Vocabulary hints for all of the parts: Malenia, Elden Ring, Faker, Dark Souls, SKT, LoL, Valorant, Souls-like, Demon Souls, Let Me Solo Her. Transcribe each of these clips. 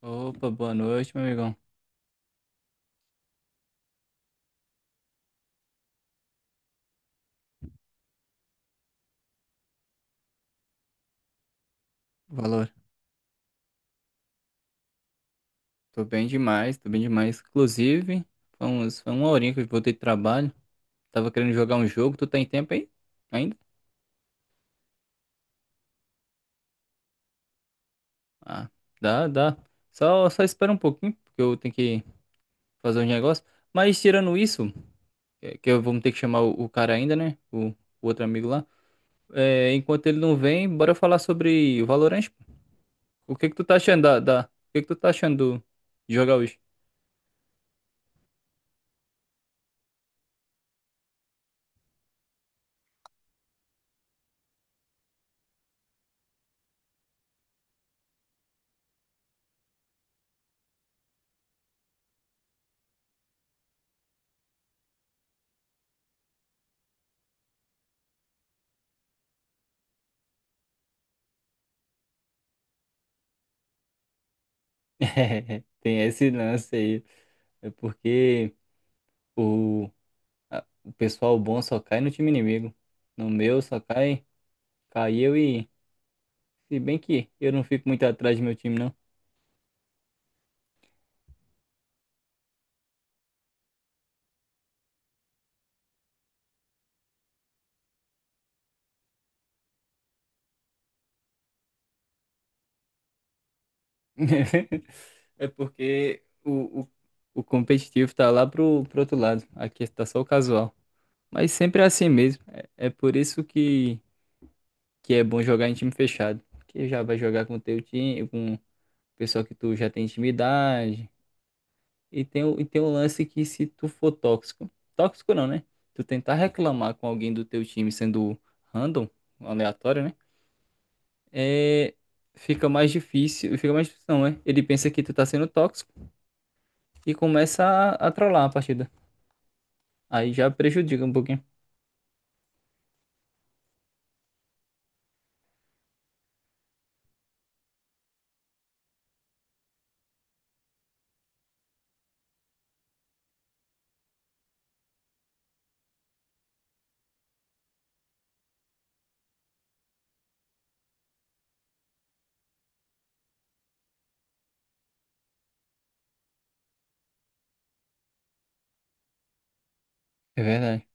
Opa, boa noite, meu amigão. Valor. Tô bem demais, tô bem demais. Inclusive, foi uma horinha que eu voltei de trabalho. Tava querendo jogar um jogo. Tu tá em tempo aí? Ainda? Ah, dá. Só espera um pouquinho, porque eu tenho que fazer uns negócios. Mas tirando isso, que eu vou ter que chamar o cara ainda, né? O outro amigo lá. É, enquanto ele não vem, bora falar sobre o Valorant, pô. O que que tu tá achando O que que tu tá achando do- de jogar hoje? É, tem esse lance aí. É porque o o pessoal bom só cai no time inimigo. No meu só cai, cai eu e. Se bem que eu não fico muito atrás do meu time, não. É porque o competitivo tá lá pro outro lado. Aqui tá só o casual. Mas sempre é assim mesmo. É, é por isso que é bom jogar em time fechado. Porque já vai jogar com o teu time, com o pessoal que tu já tem intimidade. E tem, e tem um lance que se tu for tóxico, tóxico não, né? Tu tentar reclamar com alguém do teu time sendo random, aleatório, né? É, fica mais difícil não, é? Ele pensa que tu tá sendo tóxico e começa a trollar a partida. Aí já prejudica um pouquinho. É verdade.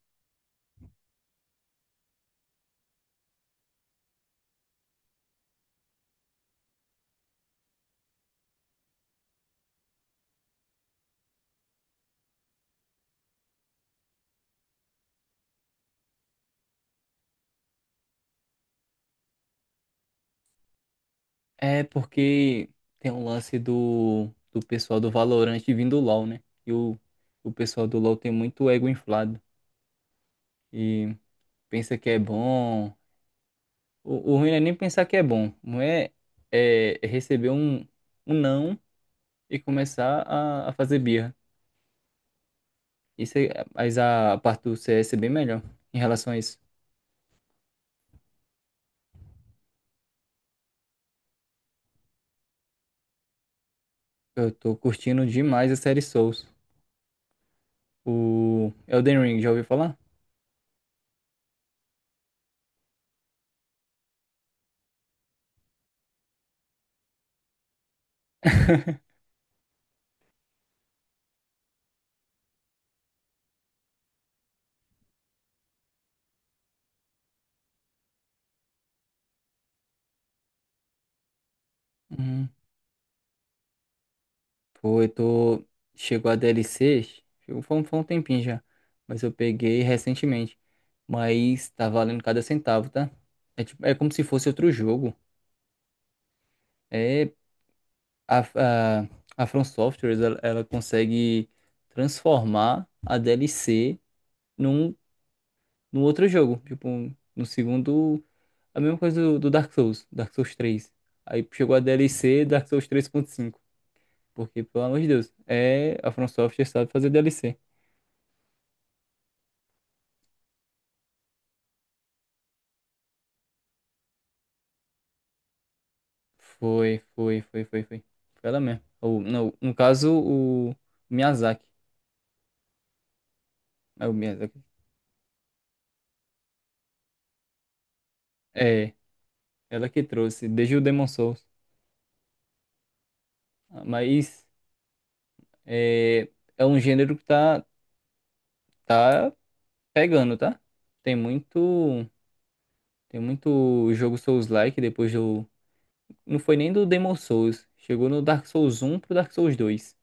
É porque tem um lance do, do pessoal do Valorant vindo do LoL, né? E o pessoal do LoL tem muito ego inflado e pensa que é bom. O ruim não é nem pensar que é bom. Não é, é receber um, um não e começar a fazer birra. Isso é, mas a parte do CS é bem melhor em relação a isso. Eu tô curtindo demais a série Souls. O Elden Ring, já ouviu falar? Uhum. Pô, eu tô. Chegou a DLC. Chegou, foi um tempinho já. Mas eu peguei recentemente. Mas tá valendo cada centavo, tá? É, tipo, é como se fosse outro jogo. É. A, a, a From Software, ela consegue transformar a DLC num, num outro jogo. Tipo, no segundo. A mesma coisa do, do Dark Souls, Dark Souls três. Aí chegou a DLC Dark Souls três ponto cinco. Porque, pelo amor de Deus, é, a From Software sabe fazer DLC. Foi. Foi ela mesmo. Ou, não, no caso, o Miyazaki. É o Miyazaki. É, ela que trouxe, desde o Demon Souls. Mas é, é um gênero que tá, tá pegando, tá? Tem muito, tem muito jogo Souls-like depois do, não foi nem do Demon Souls, chegou no Dark Souls um pro Dark Souls 2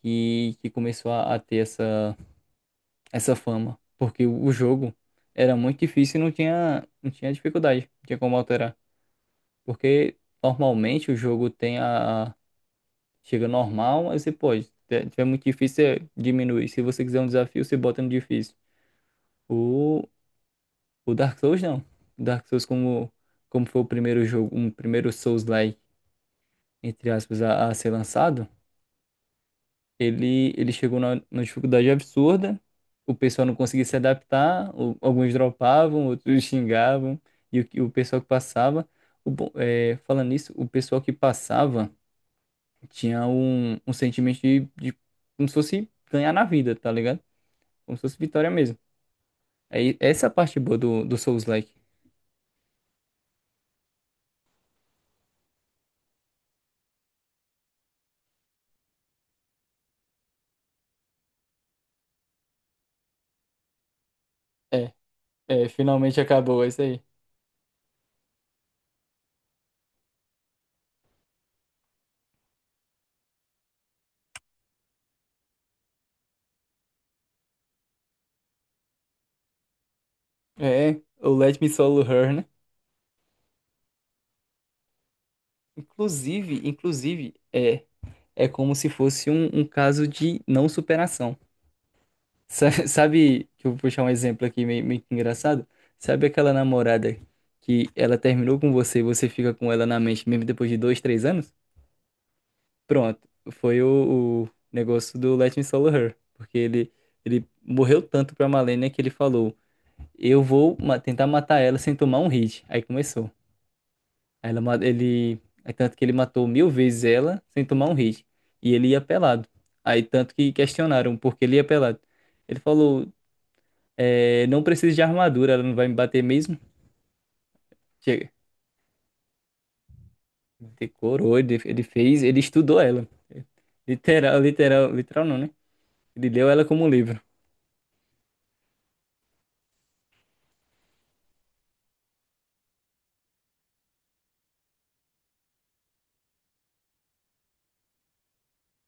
que começou a ter essa fama, porque o jogo era muito difícil e não tinha, não tinha dificuldade, não tinha como alterar, porque normalmente o jogo tem a chega normal, aí você pode, se tiver muito difícil, você diminui. Se você quiser um desafio, você bota no difícil. O, O Dark Souls não. O Dark Souls, como, como foi o primeiro jogo, um primeiro Souls-like, entre aspas, a ser lançado, ele chegou numa dificuldade absurda, o pessoal não conseguia se adaptar, alguns dropavam, outros xingavam, e o pessoal que passava. Falando nisso, o pessoal que passava tinha um, um sentimento de como se fosse ganhar na vida, tá ligado? Como se fosse vitória mesmo. Aí, essa é a parte boa do, do Souls-like. É, é, finalmente acabou, é isso aí. É, o Let Me Solo Her, né? Inclusive, é, é como se fosse um, um caso de não superação. Sabe, que eu vou puxar um exemplo aqui meio, meio que engraçado? Sabe aquela namorada que ela terminou com você e você fica com ela na mente mesmo depois de dois, três anos? Pronto, foi o negócio do Let Me Solo Her. Porque ele morreu tanto pra Malenia que ele falou, eu vou tentar matar ela sem tomar um hit. Aí começou. É tanto que ele matou mil vezes ela sem tomar um hit. E ele ia pelado. Aí tanto que questionaram por que ele ia pelado. Ele falou, é, não precisa de armadura, ela não vai me bater mesmo. Chega. Decorou, ele fez, ele estudou ela. Literal, literal, literal não, né? Ele leu ela como um livro.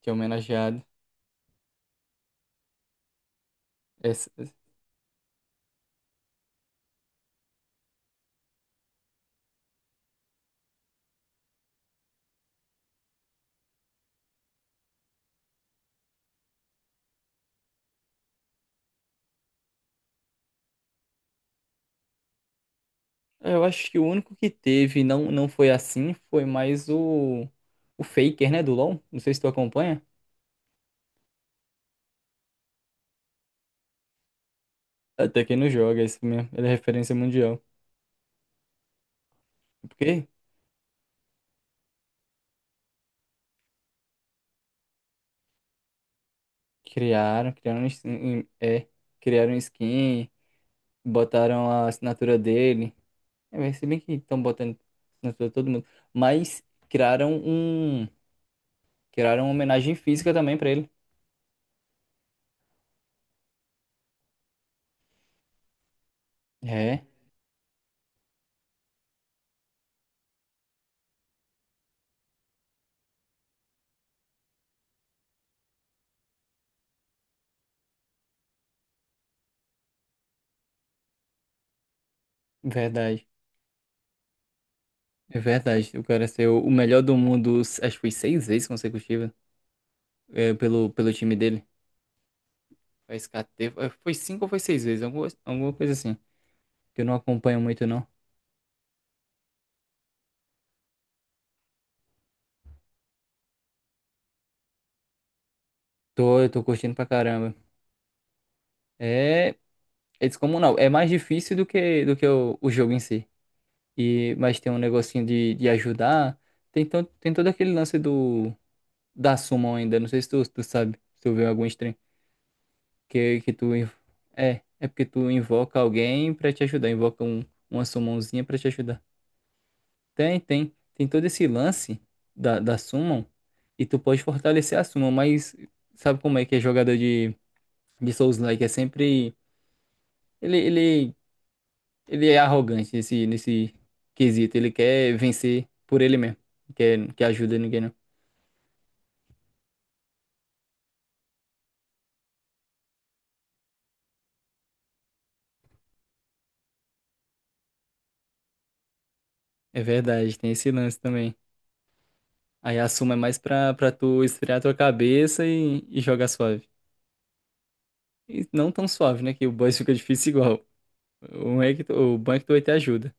Que é homenageado. Essa- eu acho que o único que teve, não, não foi assim, foi mais o Faker, né, do LoL. Não sei se tu acompanha. Até quem não joga, é isso mesmo. Ele é referência mundial. Porque criaram um é, criaram um skin, botaram a assinatura dele. É, mas se bem que estão botando assinatura de todo mundo. Mas criaram um, criaram uma homenagem física também pra ele. É, verdade. É verdade. O cara ser o melhor do mundo, acho que foi seis vezes consecutiva, é, pelo, pelo time dele. Foi SKT, foi foi cinco ou foi seis vezes, alguma, alguma coisa assim. Que eu não acompanho muito, não. Tô, eu tô curtindo pra caramba. É, É descomunal. É mais difícil do que o jogo em si. E, mas tem um negocinho de ajudar. Tem, tem todo aquele lance do da summon ainda. Não sei se tu sabe, se tu viu algum stream. Que, que tu. inv- É, é porque tu invoca alguém pra te ajudar. Invoca uma summonzinha pra te ajudar. Tem, tem. Tem todo esse lance da, da summon. E tu pode fortalecer a summon, mas sabe como é que é jogador de Souls-like? É sempre. Ele, ele Ele é arrogante nesse, nesse quesito. Ele quer vencer por ele mesmo. Não Quer, não quer ajuda ninguém, não. É verdade, tem esse lance também. Aí a suma é mais pra, pra tu esfriar tua cabeça e jogar suave. E não tão suave, né? Que o boss fica difícil igual. O bom é que tu vai ter ajuda.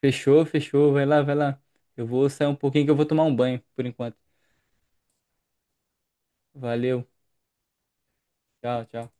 Fechou, fechou. Vai lá, vai lá. Eu vou sair um pouquinho que eu vou tomar um banho por enquanto. Valeu. Tchau, tchau.